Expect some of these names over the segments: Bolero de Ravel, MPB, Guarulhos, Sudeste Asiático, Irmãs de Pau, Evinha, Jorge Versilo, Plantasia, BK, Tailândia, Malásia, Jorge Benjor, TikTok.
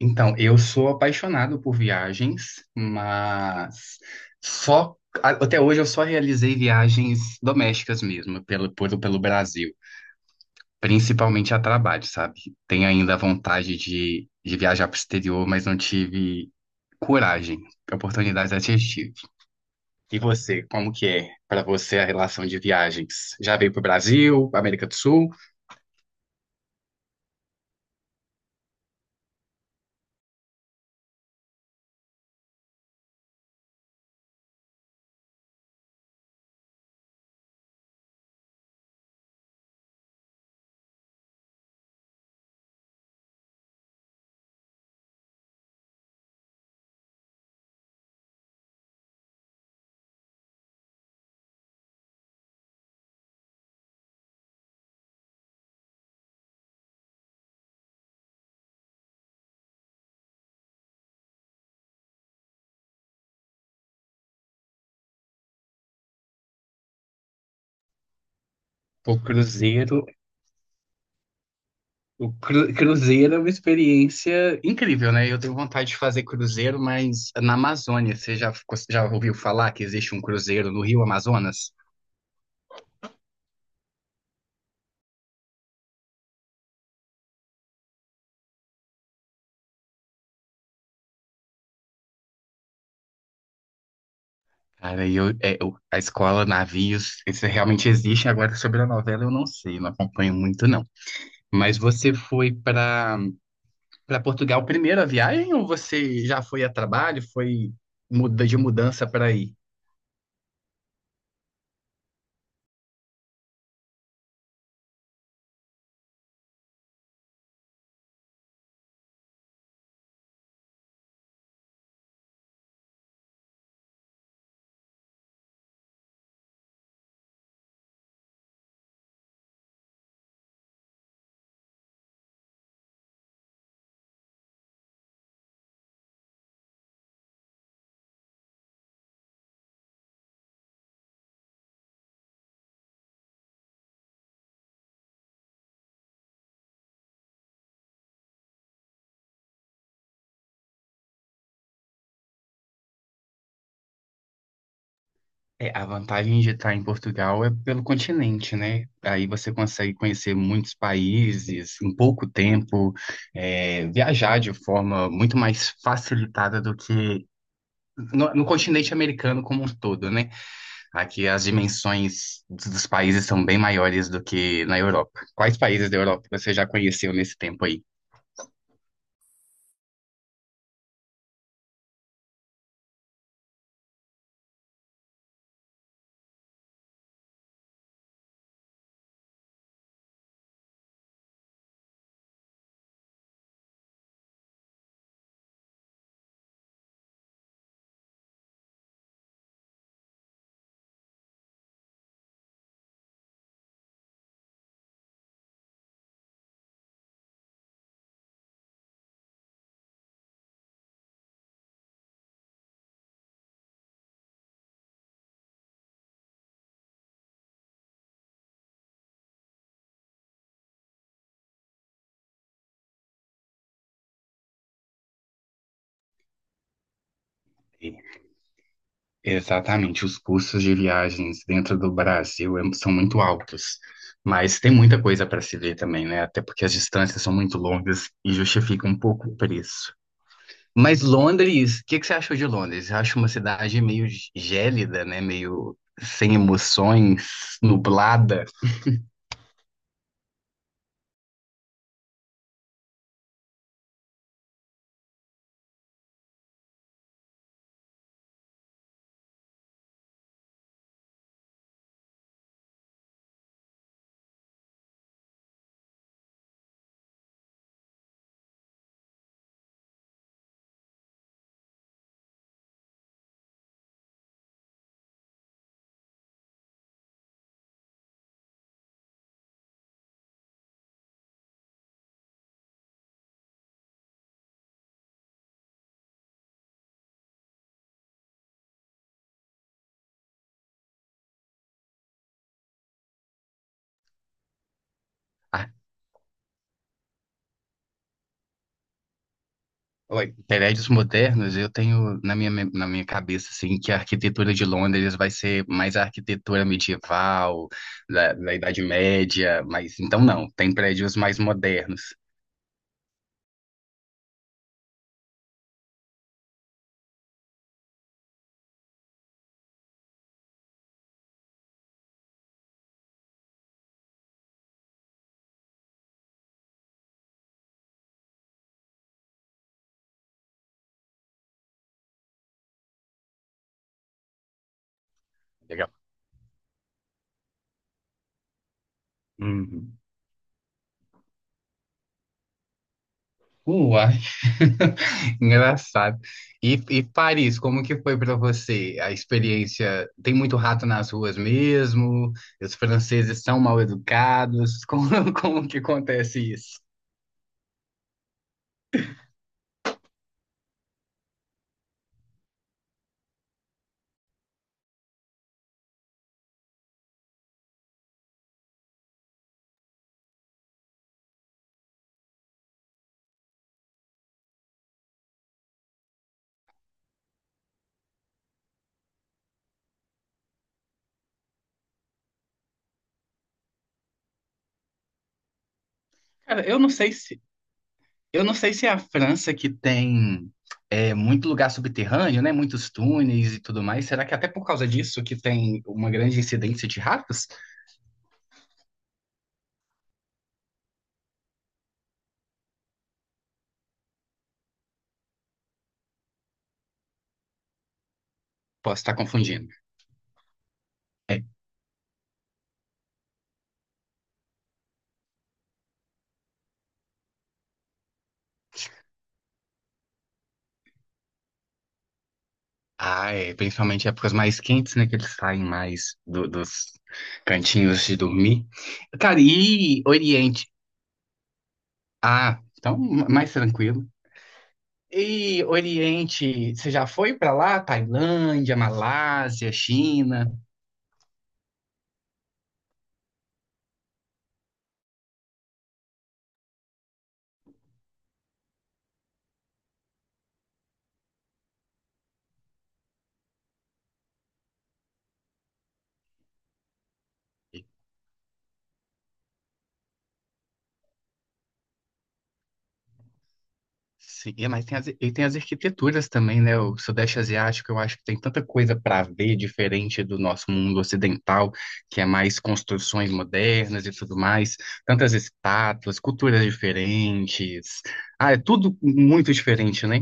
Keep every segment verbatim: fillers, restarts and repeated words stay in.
Então, eu sou apaixonado por viagens, mas só a- até hoje eu só realizei viagens domésticas mesmo, pelo, por- pelo Brasil, principalmente a trabalho, sabe? Tenho ainda a vontade de, de viajar para o exterior, mas não tive coragem, oportunidades eu tive. E você, como que é para você a relação de viagens? Já veio para o Brasil, América do Sul? O cruzeiro O cru- Cruzeiro é uma experiência incrível, né? Eu tenho vontade de fazer cruzeiro, mas na Amazônia. Você já, ficou- já ouviu falar que existe um cruzeiro no Rio Amazonas? Cara, e eu, é, eu- a escola, navios, isso realmente existe. Agora, sobre a novela, eu não sei, não acompanho muito, não. Mas você foi para para Portugal primeiro a viagem ou você já foi a trabalho? Foi muda de mudança para aí? É, a vantagem de estar em Portugal é pelo continente, né? Aí você consegue conhecer muitos países em pouco tempo, é, viajar de forma muito mais facilitada do que no, no continente americano como um todo, né? Aqui as dimensões dos dos países são bem maiores do que na Europa. Quais países da Europa você já conheceu nesse tempo aí? Exatamente, os custos de viagens dentro do Brasil é- são muito altos, mas tem muita coisa para se ver também, né? Até porque as distâncias são muito longas e justifica um pouco o preço. Mas Londres, o que que você achou de Londres? Eu acho uma cidade meio gélida, né? Meio sem emoções, nublada. Oi, prédios modernos, eu tenho na minha, me- na minha cabeça assim que a arquitetura de Londres vai ser mais a arquitetura medieval, da, da Idade Média, mas então não, tem prédios mais modernos. Legal. Uhum. Uai, engraçado. E, e Paris, como que foi para você a experiência? Tem muito rato nas ruas mesmo? Os franceses são mal educados? Como, como que acontece isso? Cara, eu não sei se Eu não sei se é a França que tem é, muito lugar subterrâneo, né? Muitos túneis e tudo mais. Será que é até por causa disso que tem uma grande incidência de ratos? Posso estar confundindo. É. Ah, é. Principalmente épocas mais quentes, né? Que eles saem mais do- dos cantinhos de dormir. Cara, e Oriente? Ah, então ma- mais tranquilo. E Oriente, você já foi pra lá? Tailândia, Malásia, China? Sim, e- mas tem as, e tem as arquiteturas também, né? O Sudeste Asiático, eu acho que tem tanta coisa para ver diferente do nosso mundo ocidental, que é mais construções modernas e tudo mais, tantas estátuas, culturas diferentes. Ah, é tudo muito diferente, né?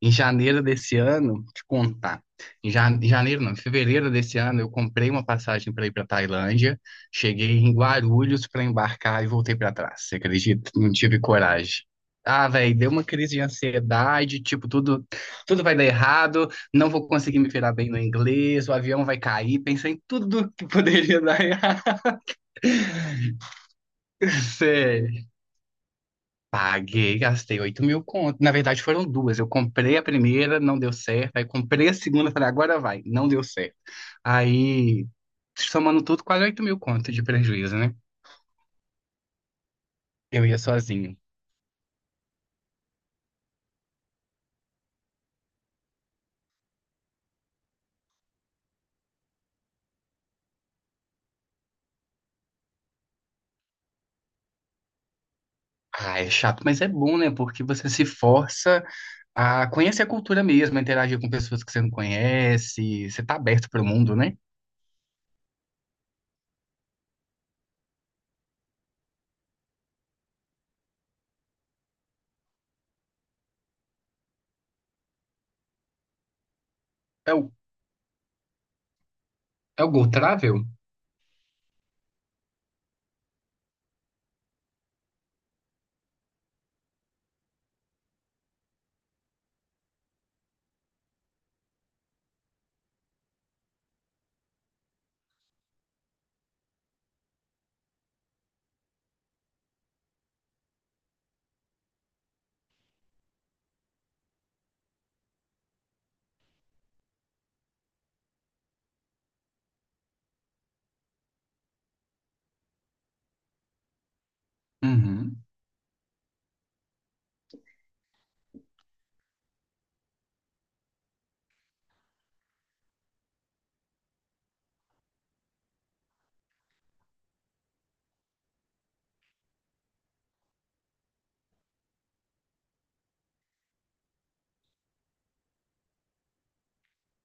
Em janeiro desse ano, te contar. Em ja- em janeiro, não, em fevereiro desse ano, eu comprei uma passagem para ir para Tailândia, cheguei em Guarulhos para embarcar e voltei para trás. Você acredita? Não tive coragem. Ah, velho, deu uma crise de ansiedade, tipo, tudo, tudo vai dar errado, não vou conseguir me virar bem no inglês, o avião vai cair, pensei em tudo que poderia dar errado. Sei. Paguei, gastei oito mil conto. Na verdade, foram duas. Eu comprei a primeira, não deu certo. Aí comprei a segunda, falei, agora vai, não deu certo. Aí, somando tudo, quase oito mil conto de prejuízo, né? Eu ia sozinho. Ah, é chato, mas é bom, né? Porque você se força a conhecer a cultura mesmo, a interagir com pessoas que você não conhece, você tá aberto pro mundo, né? É o, é o gou travel? Uhum.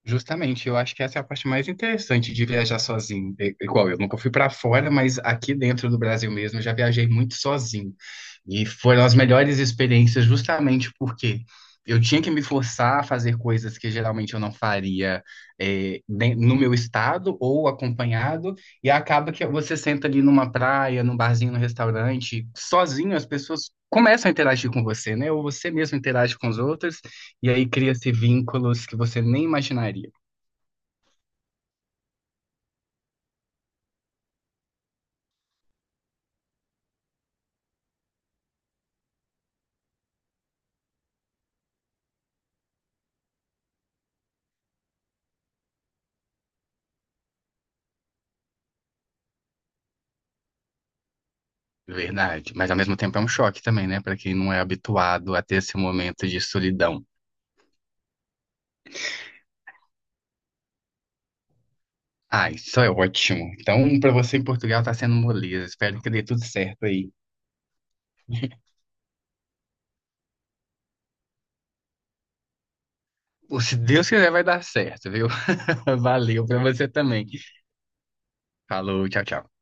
Justamente, eu acho que essa é a parte mais interessante de viajar sozinho. É- Igual, eu nunca fui para fora, mas aqui dentro do Brasil mesmo eu já viajei muito sozinho. E foram as melhores experiências justamente porque eu tinha que me forçar a fazer coisas que geralmente eu não faria é, den- no meu estado ou acompanhado, e acaba que você senta ali numa praia, num barzinho, num restaurante, sozinho as pessoas começam a interagir com você, né? Ou você mesmo interage com os outros, e aí cria-se vínculos que você nem imaginaria. Verdade, mas ao mesmo tempo é um choque também, né, pra quem não é habituado a ter esse momento de solidão. Ah, isso é ótimo. Então, pra você em Portugal tá sendo moleza. Espero que dê tudo certo aí. Se Deus quiser, vai dar certo, viu? Valeu pra você também. Falou, tchau, tchau.